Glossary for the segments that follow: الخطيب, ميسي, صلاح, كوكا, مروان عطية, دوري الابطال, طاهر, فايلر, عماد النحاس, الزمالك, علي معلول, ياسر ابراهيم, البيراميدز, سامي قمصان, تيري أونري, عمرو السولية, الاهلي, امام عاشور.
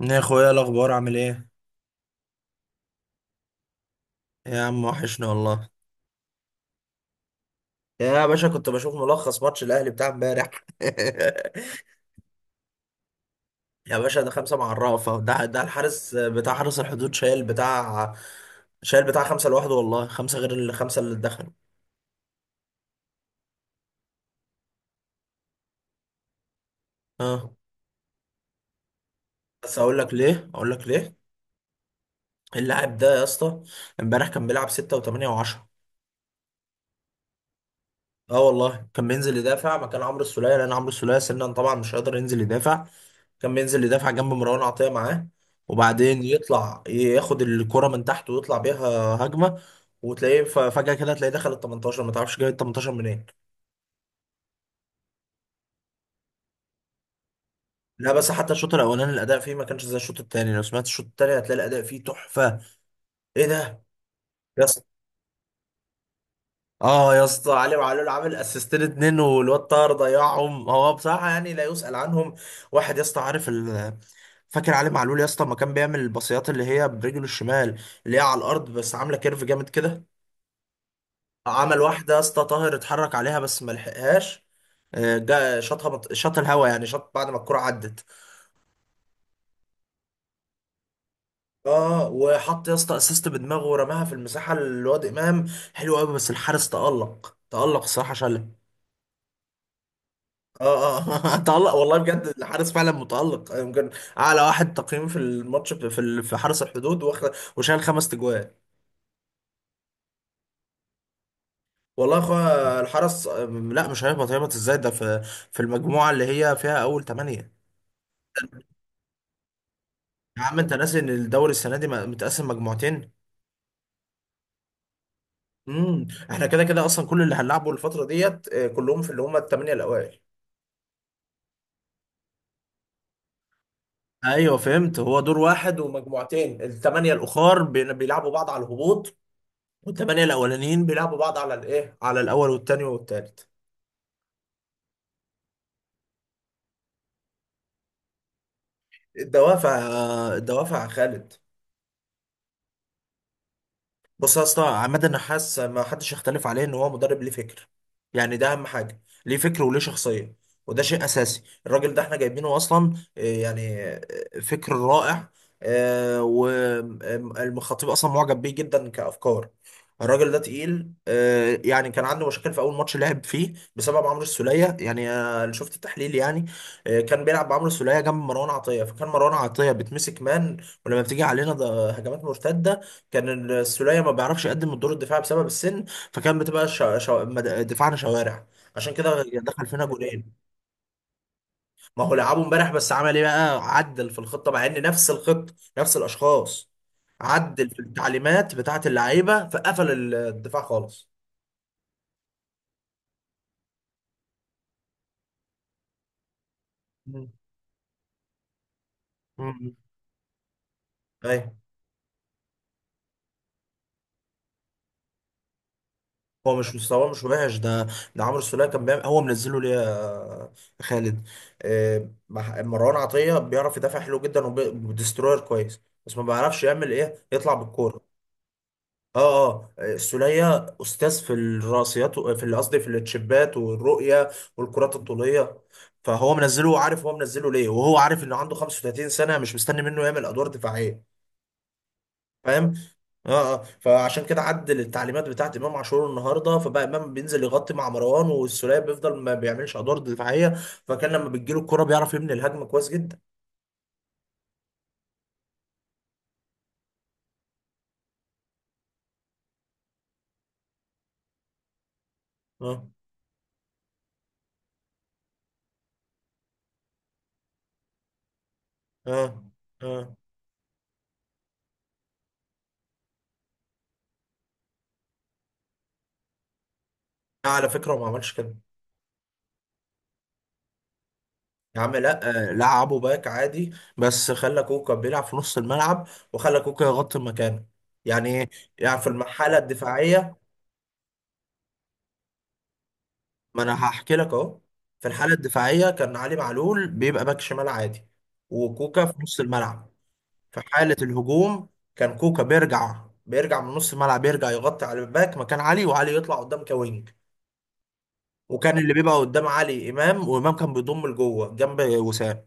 يا اخويا، إيه الاخبار؟ عامل ايه؟ يا عم، وحشنا والله. يا باشا، كنت بشوف ملخص ماتش الاهلي بتاع امبارح. يا باشا، ده خمسه مع الرافه، ده الحارس بتاع حارس الحدود شايل بتاع خمسه لوحده، والله خمسه غير الخمسه اللي دخلوا. اه. بس اقول لك ليه، اقول لك ليه. اللاعب ده يا اسطى، امبارح كان بيلعب 6 و8 و10. اه، والله كان بينزل يدافع مكان عمرو السولية، لان عمرو السولية سنا طبعا مش قادر ينزل يدافع. كان بينزل يدافع جنب مروان عطية معاه، وبعدين يطلع ياخد الكرة من تحت ويطلع بيها هجمة. وتلاقيه فجأة كده، تلاقيه دخل ال 18، ما تعرفش جاي ال 18 منين. لا، بس حتى الشوط الأولاني الأداء فيه ما كانش زي الشوط التاني. لو سمعت الشوط التاني هتلاقي الأداء فيه تحفة. إيه ده؟ يا اسطى. اه يا اسطى، علي معلول عامل اسيستين اتنين، والواد طاهر ضيعهم هو بصراحة، يعني لا يسأل عنهم. واحد يا اسطى، عارف، فاكر علي معلول يا اسطى ما كان بيعمل الباصيات اللي هي برجله الشمال، اللي هي على الارض بس عامله كيرف جامد كده؟ عمل واحدة يا اسطى، طاهر اتحرك عليها بس ما لحقهاش. جا شاطها شاط الهوا، يعني شاط بعد ما الكرة عدت. اه، وحط يا اسطى اسيست بدماغه ورماها في المساحة لواد امام. حلو قوي، بس الحارس تألق، تألق الصراحة شالها. اه اه. تألق والله بجد، الحارس فعلا متألق، يمكن اعلى واحد تقييم في الماتش، في في حرس الحدود. وشال خمس تجوان. والله يا اخويا الحرس، لا مش هيهبط. هيهبط ازاي ده؟ في في المجموعة اللي هي فيها اول ثمانية. يا عم انت ناسي ان الدوري السنه دي متقسم مجموعتين؟ احنا كده كده اصلا كل اللي هنلعبه الفتره ديت، كلهم في اللي هم الثمانيه الاوائل. ايوه فهمت، هو دور واحد ومجموعتين، الثمانيه الاخر بيلعبوا بعض على الهبوط، والثمانيه الاولانيين بيلعبوا بعض على الايه، على الاول والثاني والثالث. الدوافع يا خالد. بص يا اسطى، عماد النحاس ما حدش يختلف عليه ان هو مدرب ليه فكر. يعني ده اهم حاجه، ليه فكر وليه شخصيه. وده شيء اساسي، الراجل ده احنا جايبينه اصلا، يعني فكر رائع. والخطيب اصلا معجب بيه جدا كافكار. الراجل ده تقيل، يعني كان عنده مشاكل في اول ماتش لعب فيه بسبب عمرو السوليه، يعني، اللي شفت التحليل يعني. كان بيلعب بعمرو السوليه جنب مروان عطيه، فكان مروان عطيه بتمسك مان، ولما بتيجي علينا ده هجمات مرتده كان السولية ما بيعرفش يقدم الدور الدفاعي بسبب السن. فكان بتبقى دفاعنا شوارع. عشان كده دخل فينا جولين. ما هو لعبه امبارح، بس عمل ايه بقى؟ عدل في الخطة مع ان نفس الخطة نفس الاشخاص. عدل في التعليمات بتاعة اللعيبة، فقفل الدفاع خالص. مم. مم. ايوه. هو مش مستواه، مش وحش ده. ده عمرو السولية كان بيعمل، هو منزله ليا، خالد. مروان عطية بيعرف يدافع حلو جدا وديستروير كويس، بس ما بيعرفش يعمل ايه، يطلع بالكورة. اه اه. السولية استاذ في الراسيات و- في اللي قصدي في التشيبات والرؤية والكرات الطولية. فهو منزله، عارف هو منزله ليه، وهو عارف انه عنده 35 سنة مش مستني منه يعمل ادوار دفاعية، فاهم. اه اه. فعشان كده عدل التعليمات بتاعت امام عاشور النهارده، فبقى امام بينزل يغطي مع مروان، والسوليه بيفضل ما بيعملش ادوار دفاعيه، فكان لما بتجيله الكرة بيعرف يبني الهجمه كويس جدا. اه اه اه. لا، على فكره هو ما عملش كده. يا عم لا، لعبه باك عادي، بس خلى كوكا بيلعب في نص الملعب، وخلى كوكا يغطي مكانه. يعني ايه؟ يعني في المرحله الدفاعيه، ما انا هحكي لك اهو. في الحاله الدفاعيه كان علي معلول بيبقى باك شمال عادي، وكوكا في نص الملعب. في حالة الهجوم كان كوكا بيرجع، بيرجع من نص الملعب، يرجع يغطي على الباك مكان علي، وعلي يطلع قدام كوينج. وكان اللي بيبقى قدام علي امام، وامام كان بيضم لجوه جنب وسام.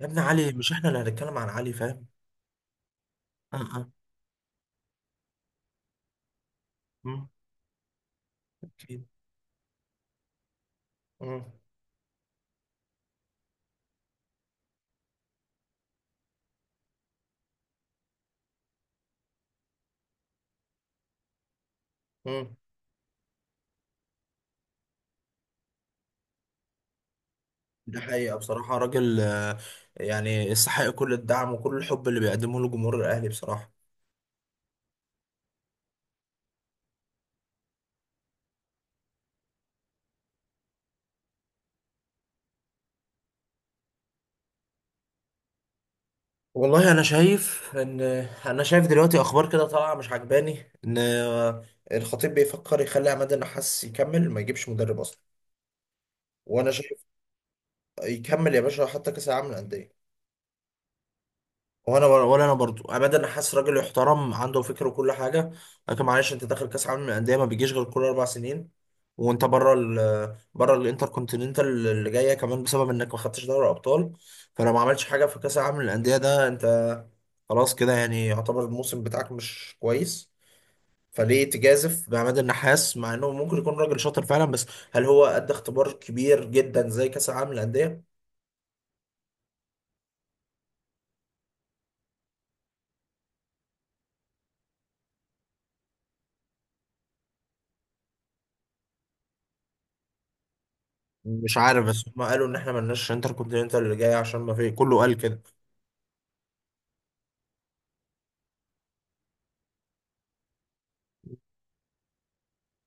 يا ابن علي، مش احنا اللي هنتكلم عن علي، فاهم. اه اه. مم، اكيد. مم، مم. ده حقيقة بصراحة راجل، يعني يستحق كل الدعم وكل الحب اللي بيقدمه له جمهور الاهلي بصراحة. والله انا شايف ان، انا شايف دلوقتي اخبار كده طالعه مش عجباني، ان الخطيب بيفكر يخلي عماد النحاس يكمل، ما يجيبش مدرب اصلا. وانا شايف يكمل يا باشا، حتى كاس العالم للانديه. وانا، ولا انا برضو ابدا، حاسس راجل يحترم، عنده فكر وكل حاجه، لكن معلش، انت داخل كاس عالم للانديه ما بيجيش غير كل اربع سنين، وانت بره بره الانتر كونتيننتال اللي جايه كمان بسبب انك ما خدتش دوري ابطال. فلو ما عملتش حاجه في كاس العالم للانديه ده، انت خلاص كده يعني يعتبر الموسم بتاعك مش كويس. فليه تجازف بعماد النحاس؟ مع انه ممكن يكون راجل شاطر فعلا، بس هل هو ادى اختبار كبير جدا زي كاس العالم للانديه؟ مش عارف، بس هم قالوا ان احنا ملناش انتر كونتيننتال اللي جاي عشان ما في، كله قال كده.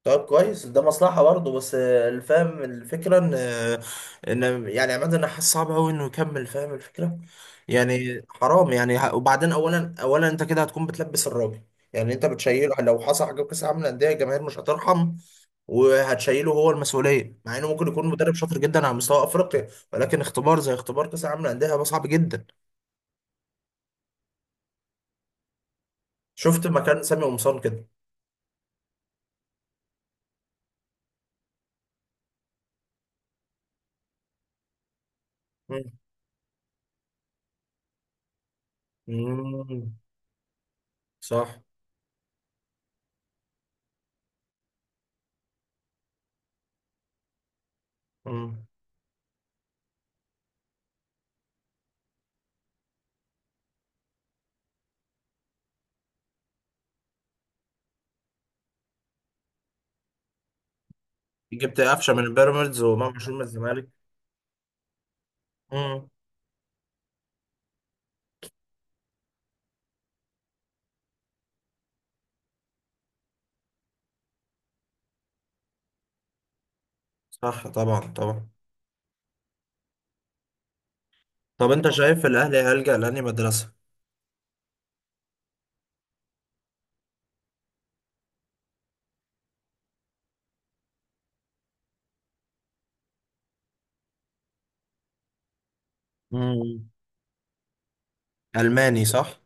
طيب كويس، ده مصلحة برضه. بس، الفهم، الفكرة ان، ان يعني عماد النحاس صعب قوي انه يكمل، فاهم الفكرة. يعني حرام، يعني وبعدين اولا، اولا انت كده هتكون بتلبس الراجل. يعني انت بتشيله، لو حصل حاجة في كأس العالم للأندية الجماهير مش هترحم، وهتشيله هو المسؤولية، مع انه ممكن يكون مدرب شاطر جدا على مستوى افريقيا، ولكن اختبار زي اختبار كأس العالم للأندية هيبقى صعب جدا. شفت مكان سامي قمصان كده. مم. صح. مم. جبت قفشه من البيراميدز وامام عاشور من الزمالك. مم. صح طبعا، طبعا. طب انت شايف الاهلي هيلجأ لاني مدرسه؟ مم. الماني صح.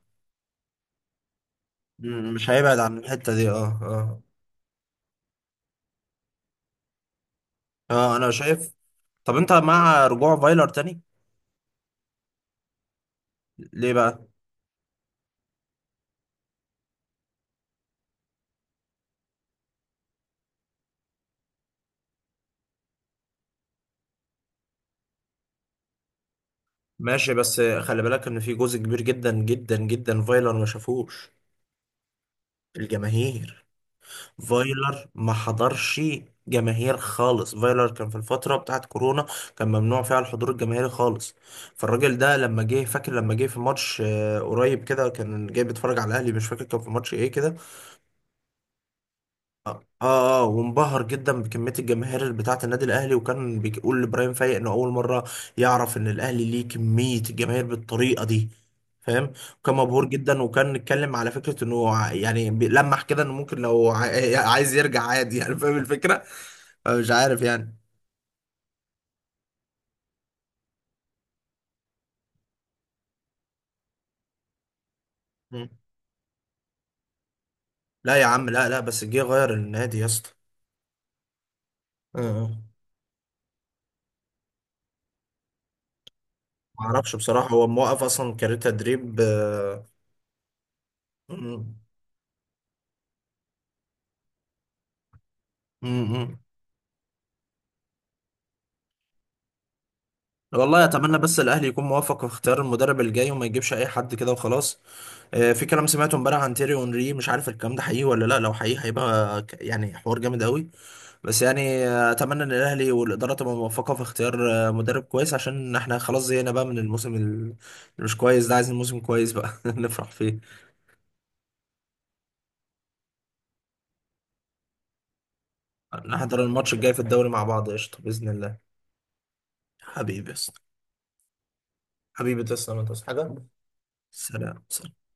مم. مش هيبعد عن الحته دي، اه اه اه، انا شايف. طب انت مع رجوع فايلر تاني؟ ليه بقى؟ ماشي، بس خلي بالك ان في جزء كبير جدا جدا جدا فايلر ما شافوش، الجماهير. فايلر ما حضرش جماهير خالص، فايلر كان في الفترة بتاعت كورونا، كان ممنوع فيها الحضور الجماهيري خالص. فالراجل ده لما جه، فاكر لما جه في ماتش، قريب كده، كان جاي بيتفرج على الاهلي، مش فاكر كان في ماتش ايه كده. اه اه. وانبهر جدا بكميه الجماهير اللي بتاعه النادي الاهلي، وكان بيقول لابراهيم فايق انه اول مره يعرف ان الاهلي ليه كميه الجماهير بالطريقه دي، فاهم. وكان مبهور جدا، وكان اتكلم على فكره انه يعني لمح كده انه ممكن لو عايز يرجع عادي، يعني فاهم الفكره، مش عارف يعني. مم. لا يا عم، لا لا، بس جه غير النادي يا اسطى. اه، ما اعرفش بصراحه، هو موقف اصلا، كارير تدريب. مم. مم. والله اتمنى بس الاهلي يكون موفق في اختيار المدرب الجاي، وما يجيبش اي حد كده وخلاص. في كلام سمعته امبارح عن تيري اونري، مش عارف الكلام ده حقيقي ولا لا، لو حقيقي هيبقى يعني حوار جامد قوي. بس يعني، اتمنى ان الاهلي والاداره تبقى موفقه في اختيار مدرب كويس، عشان احنا خلاص زهقنا بقى من الموسم اللي مش كويس ده. عايزين موسم كويس بقى نفرح فيه. نحضر الماتش الجاي في الدوري مع بعض، قشطه، باذن الله. حبيبي يا اسطى. حبيبي، تسلم، ما حاجه. سلام.